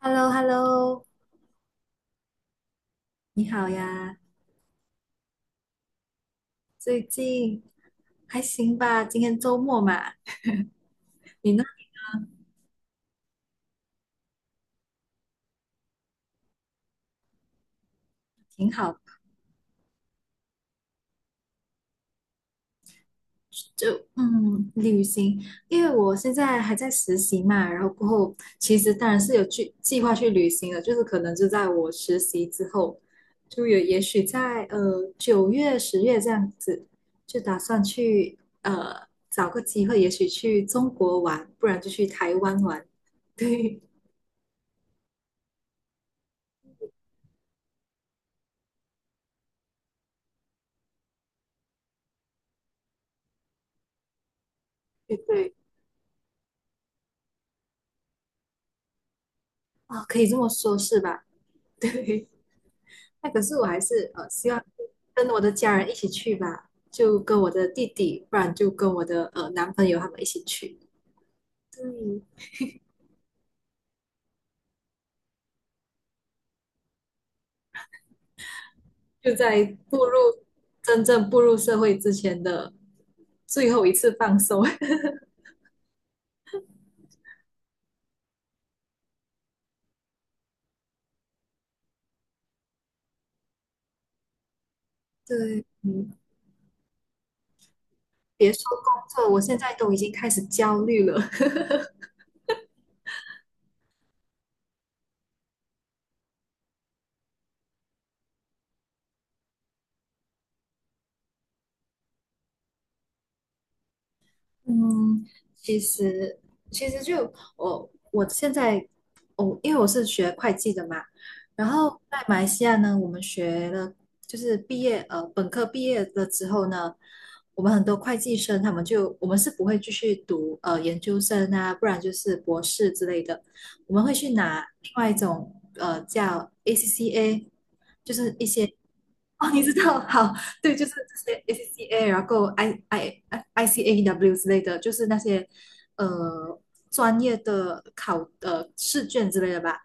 h e l l o h e l l o 你好呀，最近还行吧？今天周末嘛，你呢？挺好，就旅行，因为我现在还在实习嘛，然后过后其实当然是有去计划去旅行的，就是可能就在我实习之后，就有也许在9月、10月这样子，就打算去找个机会，也许去中国玩，不然就去台湾玩，对对对，啊，可以这么说，是吧？对，那可是我还是希望跟我的家人一起去吧，就跟我的弟弟，不然就跟我的男朋友他们一起去。对，就在步入真正步入社会之前的最后一次放松。对，嗯，别说工作，我现在都已经开始焦虑了。嗯，其实其实就我现在我因为我是学会计的嘛，然后在马来西亚呢，我们学了就是毕业本科毕业了之后呢，我们很多会计生他们就我们是不会继续读研究生啊，不然就是博士之类的，我们会去拿另外一种叫 ACCA，就是一些 哦你知道好，对，就是这些 ACCA，然后 ICAW 之类的，就是那些呃专业的考试卷之类的吧，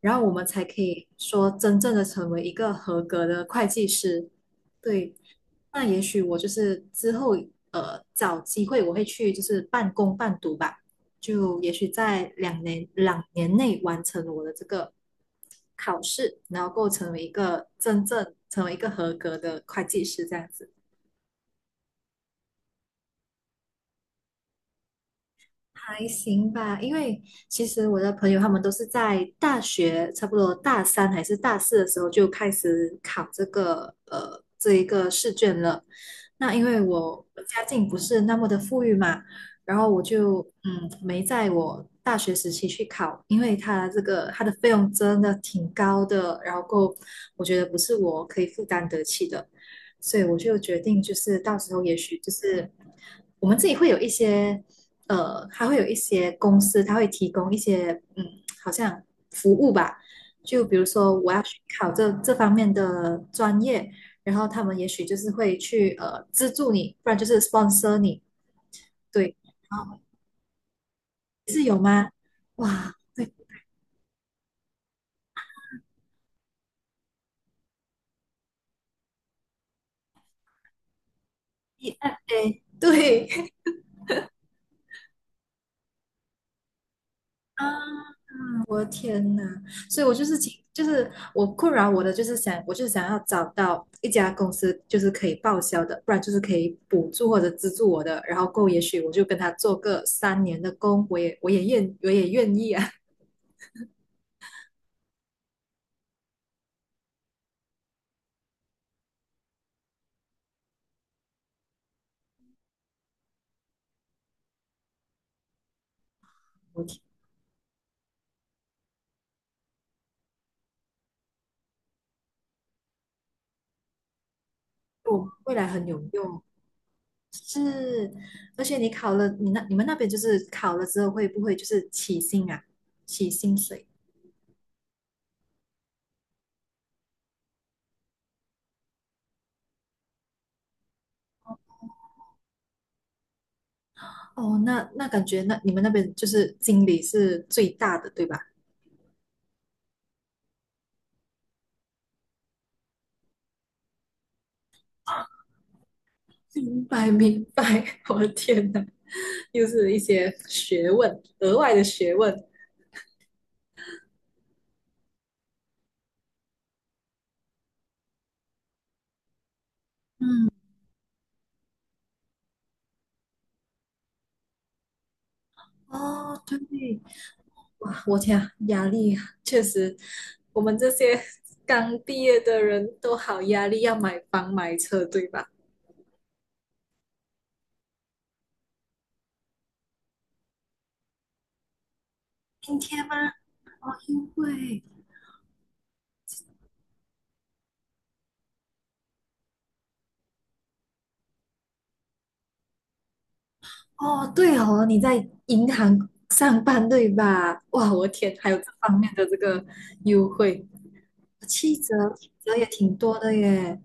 然后我们才可以说真正的成为一个合格的会计师。对，那也许我就是之后找机会我会去就是半工半读吧。就也许在两年内完成我的这个考试，然后够成为一个真正成为一个合格的会计师这样子。还行吧，因为其实我的朋友他们都是在大学，差不多大三还是大四的时候就开始考这个这一个试卷了。那因为我家境不是那么的富裕嘛，然后我就没在我大学时期去考，因为它这个它的费用真的挺高的，然后够我觉得不是我可以负担得起的。所以我就决定，就是到时候也许就是我们自己会有一些，还会有一些公司，它会提供一些，好像服务吧。就比如说我要去考这方面的专业，然后他们也许就是会去资助你，不然就是 sponsor 你。对，然后是有吗？哇，对，EFA，对啊，我的天呐，所以我就是请，就是我困扰我的，就是想，我就是想要找到一家公司，就是可以报销的，不然就是可以补助或者资助我的，然后够，也许我就跟他做个三年的工，我也愿意啊，我天我未来很有用，是，而且你考了，你那你们那边就是考了之后会不会就是起薪啊，起薪水？哦，那那感觉那你们那边就是经理是最大的，对吧？明白明白，我的天哪，又是一些学问，额外的学问。嗯，哦，对，哇，我天啊，压力啊确实，我们这些刚毕业的人都好压力，要买房买车，对吧？今天吗？哦，因为哦，对哦，你在银行上班对吧？哇，我天，还有这方面的这个优惠，七折，七折也挺多的耶。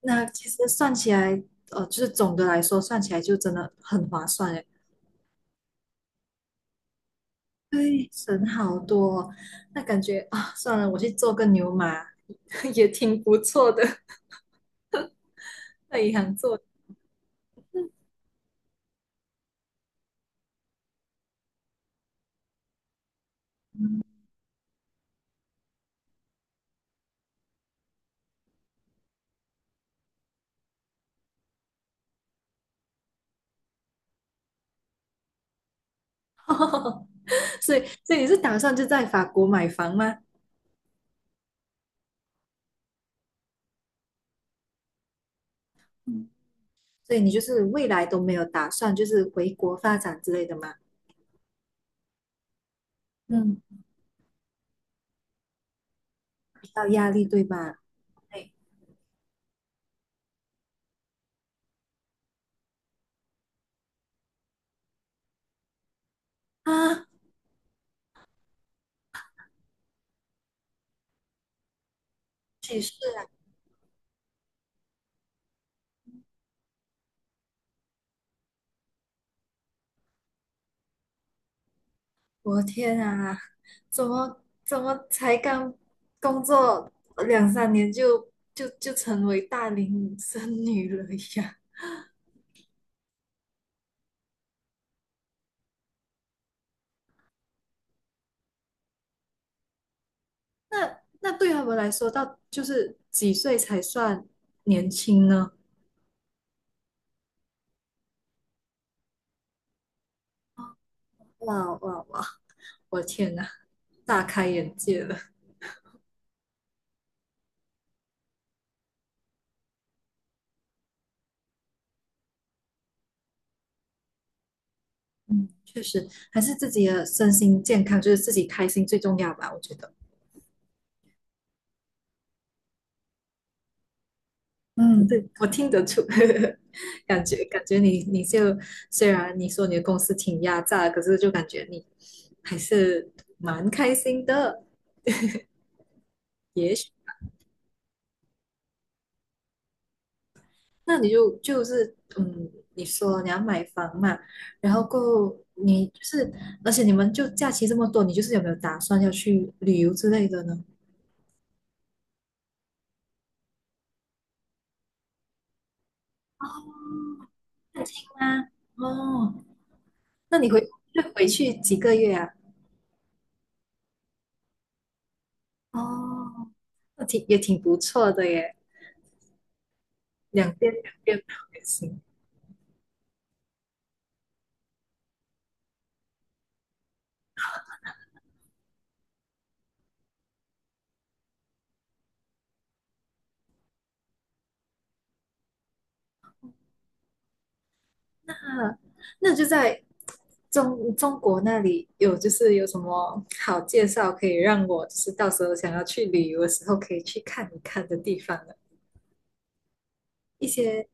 那其实算起来，就是总的来说算起来就真的很划算诶，对，省好多哦，那感觉啊，算了，我去做个牛马 也挺不错的，在银行做。所以，所以你是打算就在法国买房吗？嗯，所以你就是未来都没有打算就是回国发展之类的吗？嗯，比较压力对吧？对啊，确实。我的天啊，怎么才刚工作两三年就成为大龄剩女了呀？那那对他们来说，到就是几岁才算年轻呢？哇哇哇！我的天呐，大开眼界了。嗯，确实，还是自己的身心健康，就是自己开心最重要吧，我觉得。嗯，对，我听得出，感觉你就虽然你说你的公司挺压榨，可是就感觉你还是蛮开心的。也许那你就是你说你要买房嘛，然后够你就是，而且你们就假期这么多，你就是有没有打算要去旅游之类的呢？探亲吗？哦，那你就回去几个月啊？哦，那挺也挺不错的耶，两边两边跑也行。啊，那就在中国那里有，就是有什么好介绍可以让我就是到时候想要去旅游的时候可以去看一看的地方呢？一些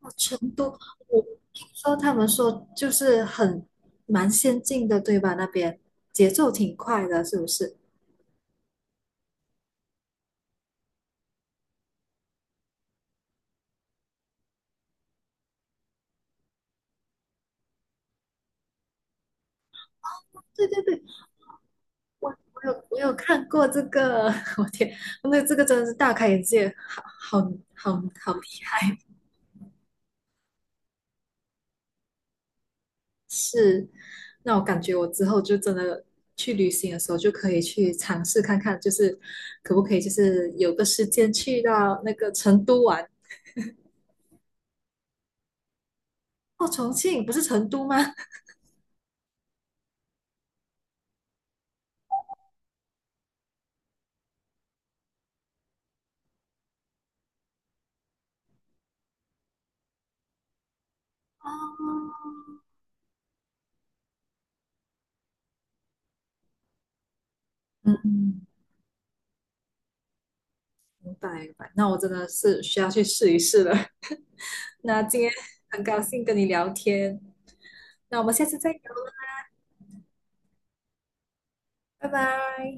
哦，成都，我听说他们说就是很蛮先进的，对吧？那边节奏挺快的，是不是？对对对，我有看过这个，我天，那这个真的是大开眼界，好好好好，是，那我感觉我之后就真的去旅行的时候，就可以去尝试看看，就是可不可以，就是有个时间去到那个成都玩。哦，重庆不是成都吗？哦，嗯，嗯，明白明白。那我真的是需要去试一试了。那今天很高兴跟你聊天，那我们下次再聊了，拜拜。